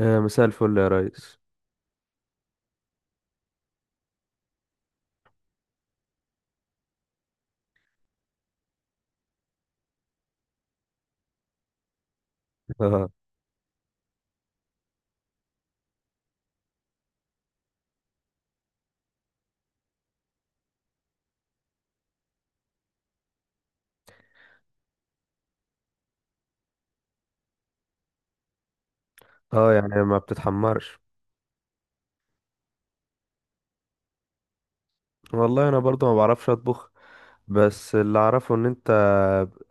مساء الفل يا ريس. اه. يعني ما بتتحمرش. والله انا برضو ما بعرفش اطبخ، بس اللي اعرفه ان انت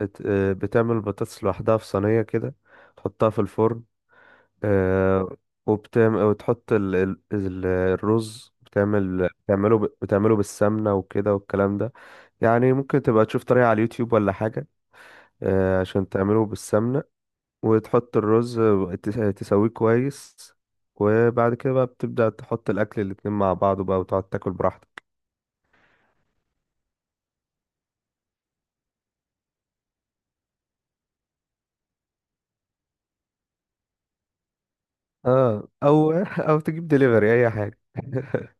بتعمل البطاطس لوحدها في صينية كده، تحطها في الفرن. آه، وبتعمل وتحط الرز، بتعمله بالسمنة وكده والكلام ده. يعني ممكن تبقى تشوف طريقة على اليوتيوب ولا حاجة، عشان تعمله بالسمنة وتحط الرز وتس- تسويه كويس. وبعد كده بقى بتبدأ تحط الأكل الاتنين مع بعض بقى وتقعد تاكل براحتك. اه، أو أو تجيب دليفري أي حاجة.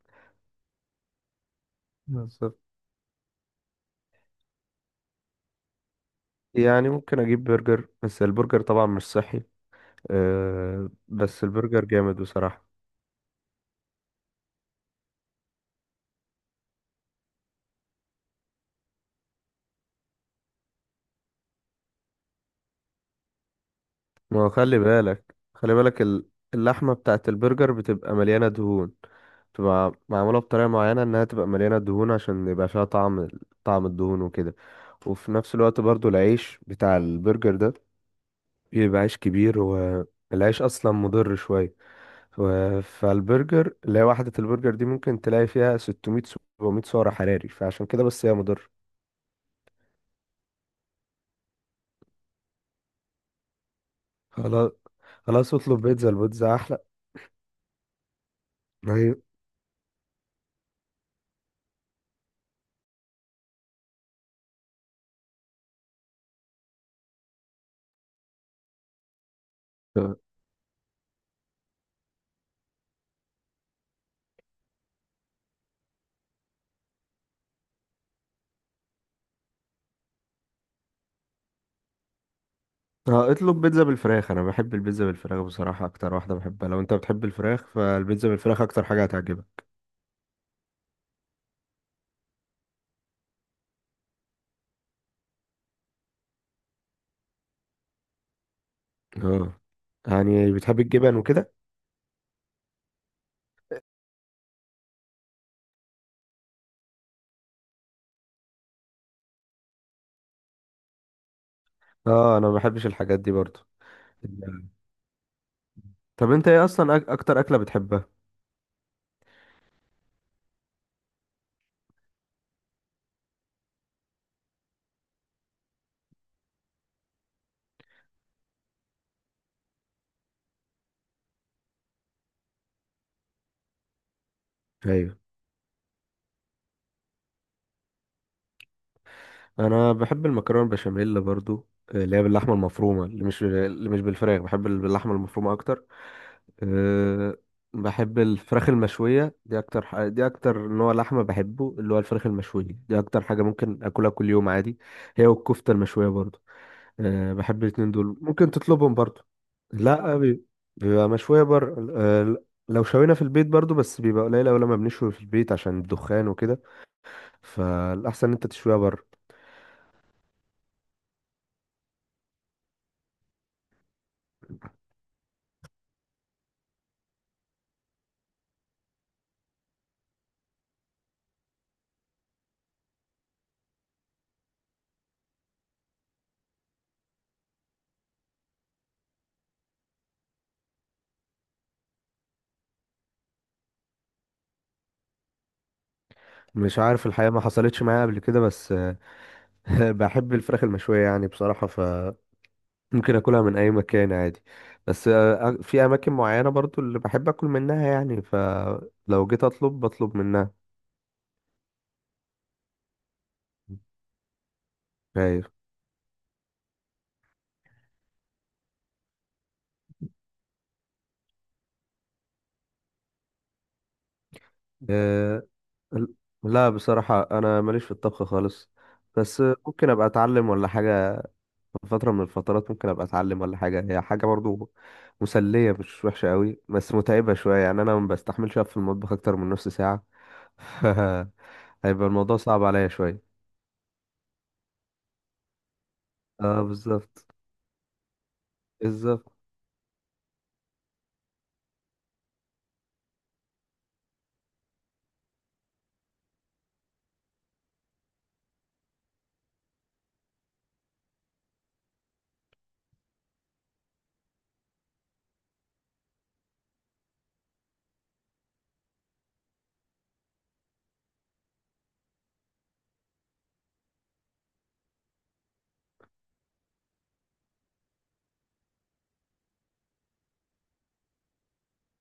بالظبط. يعني ممكن أجيب برجر، بس البرجر طبعا مش صحي. بس البرجر جامد بصراحة. ما هو خلي بالك خلي بالك، اللحمة بتاعت البرجر بتبقى مليانة دهون، بتبقى معمولة بطريقة معينة انها تبقى مليانة دهون عشان يبقى فيها طعم، طعم الدهون وكده. وفي نفس الوقت برضو العيش بتاع البرجر ده بيبقى عيش كبير، والعيش اصلا مضر شوية، فالبرجر اللي هي وحدة البرجر دي ممكن تلاقي فيها 600 700 سعر حراري، فعشان كده بس هي مضر. خلاص، خلاص اطلب بيتزا، البيتزا احلى. أيوة. اه اطلب بيتزا بالفراخ، انا بحب البيتزا بالفراخ بصراحة اكتر واحدة بحبها. لو انت بتحب الفراخ فالبيتزا بالفراخ اكتر حاجة هتعجبك. اه، يعني بتحب الجبن وكده. اه، انا ما بحبش الحاجات دي برضو. طب انت ايه اصلا اكتر اكلة بتحبها؟ ايوه، انا بحب المكرونه البشاميل برضو، اللي هي باللحمه المفرومه، اللي مش بالفراخ، بحب باللحمه المفرومه اكتر. أه، بحب الفراخ المشويه، دي اكتر نوع لحمه بحبه، اللي هو الفراخ المشويه. دي اكتر حاجه ممكن اكلها كل يوم عادي، هي والكفته المشويه برضو. أه، بحب الاتنين دول، ممكن تطلبهم برضو. لا بي- بيبقى مشويه لو شوينا في البيت برضو، بس بيبقى قليل أوي لما بنشوي في البيت عشان الدخان وكده. فالأحسن إن أنت تشويها بره. مش عارف الحقيقة، ما حصلتش معايا قبل كده، بس بحب الفراخ المشوية يعني بصراحة، فممكن أكلها من أي مكان عادي. بس في أماكن معينة برضو اللي بحب أكل منها، يعني فلو جيت أطلب بطلب منها. أيوة. آه، ال- لا بصراحة أنا ماليش في الطبخ خالص. بس ممكن أبقى أتعلم ولا حاجة. في فترة من الفترات ممكن أبقى أتعلم ولا حاجة، هي حاجة برضو مسلية مش وحشة قوي، بس متعبة شوية. يعني أنا ما بستحملش أقف في المطبخ أكتر من نص ساعة. هيبقى الموضوع صعب عليا شوية. اه، بالظبط. بالظبط.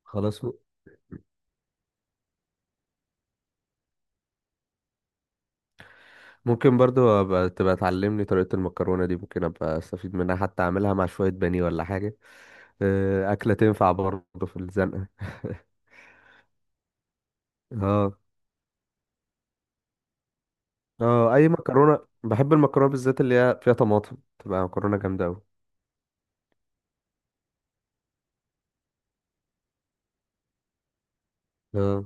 خلاص م- ممكن برضو تبقى تعلمني طريقة المكرونة دي، ممكن أبقى أستفيد منها حتى أعملها مع شوية بانيه ولا حاجة. أكلة تنفع برضو في الزنقة. اه. اه، أي مكرونة، بحب المكرونة بالذات اللي هي فيها طماطم، تبقى مكرونة جامدة أوي. اه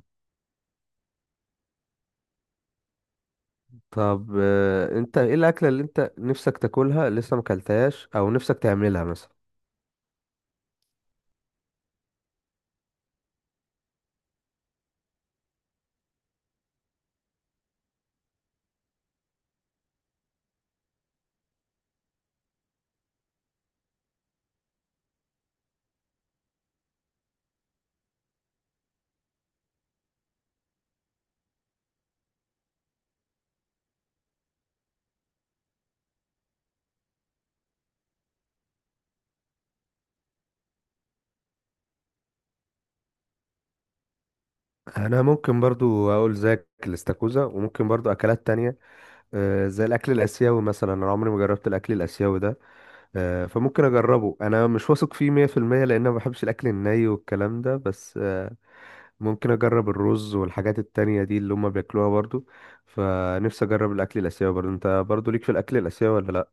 طب، أنت إيه الأكلة اللي أنت نفسك تاكلها لسه مكلتهاش، أو نفسك تعملها مثلا؟ انا ممكن برضو اقول زيك الاستاكوزا، وممكن برضو اكلات تانية، زي الاكل الاسيوي مثلا. انا عمري ما جربت الاكل الاسيوي ده، فممكن اجربه. انا مش واثق فيه 100%، لان انا ما بحبش الاكل الني والكلام ده، بس ممكن اجرب الرز والحاجات التانية دي اللي هم بياكلوها برضو. فنفسي اجرب الاكل الاسيوي. برضو انت برضو ليك في الاكل الاسيوي ولا لا؟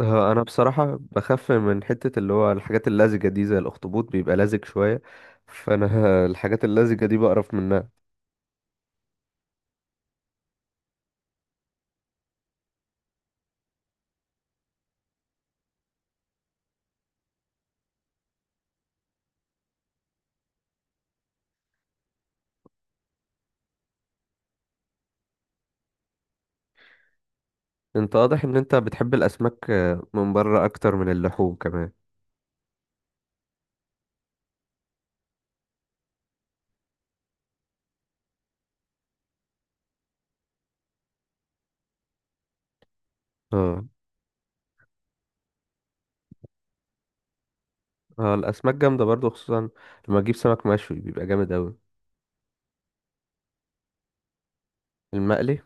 انا بصراحة بخاف من حتة اللي هو الحاجات اللزجة دي، زي الاخطبوط بيبقى لزج شوية، فانا الحاجات اللزجة دي بقرف منها. انت واضح ان انت بتحب الاسماك من بره اكتر من اللحوم كمان. اه. اه الاسماك جامده برضو، خصوصا لما اجيب سمك مشوي بيبقى جامد اوي. المقلي.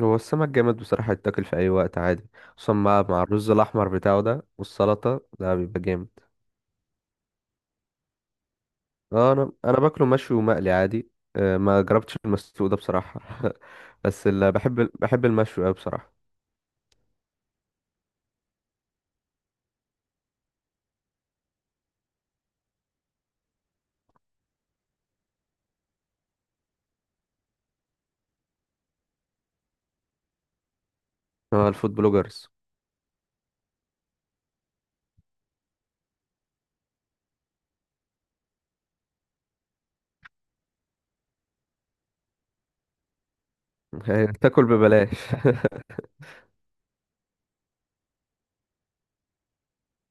هو السمك جامد بصراحه يتاكل في اي وقت عادي، خصوصا مع الرز الاحمر بتاعه ده والسلطه ده بيبقى جامد. اه، انا باكله مشوي ومقلي عادي. ما جربتش المسلوق ده بصراحه. بس اللي بحب المشوي اوي بصراحه. اه، الفود بلوجرز. تاكل ببلاش.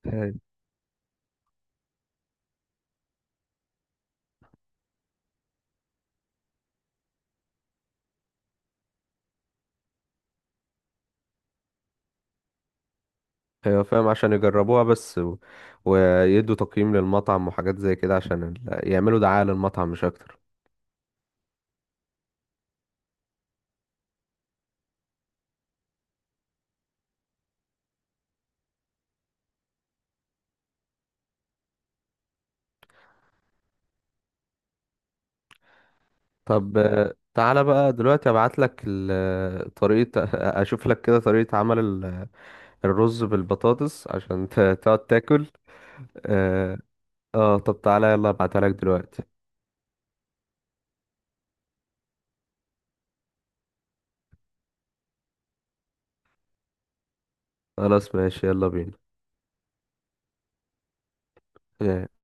ايوه فاهم، عشان يجربوها بس. ويدوا تقييم للمطعم وحاجات زي كده، عشان يعملوا دعاية للمطعم مش اكتر. طب، تعالى بقى دلوقتي، ابعت لك طريقة اشوف لك كده طريقة عمل الرز بالبطاطس عشان تقعد تاكل. اه. طب تعالى يلا ابعتها لك دلوقتي. خلاص ماشي يلا بينا. آه.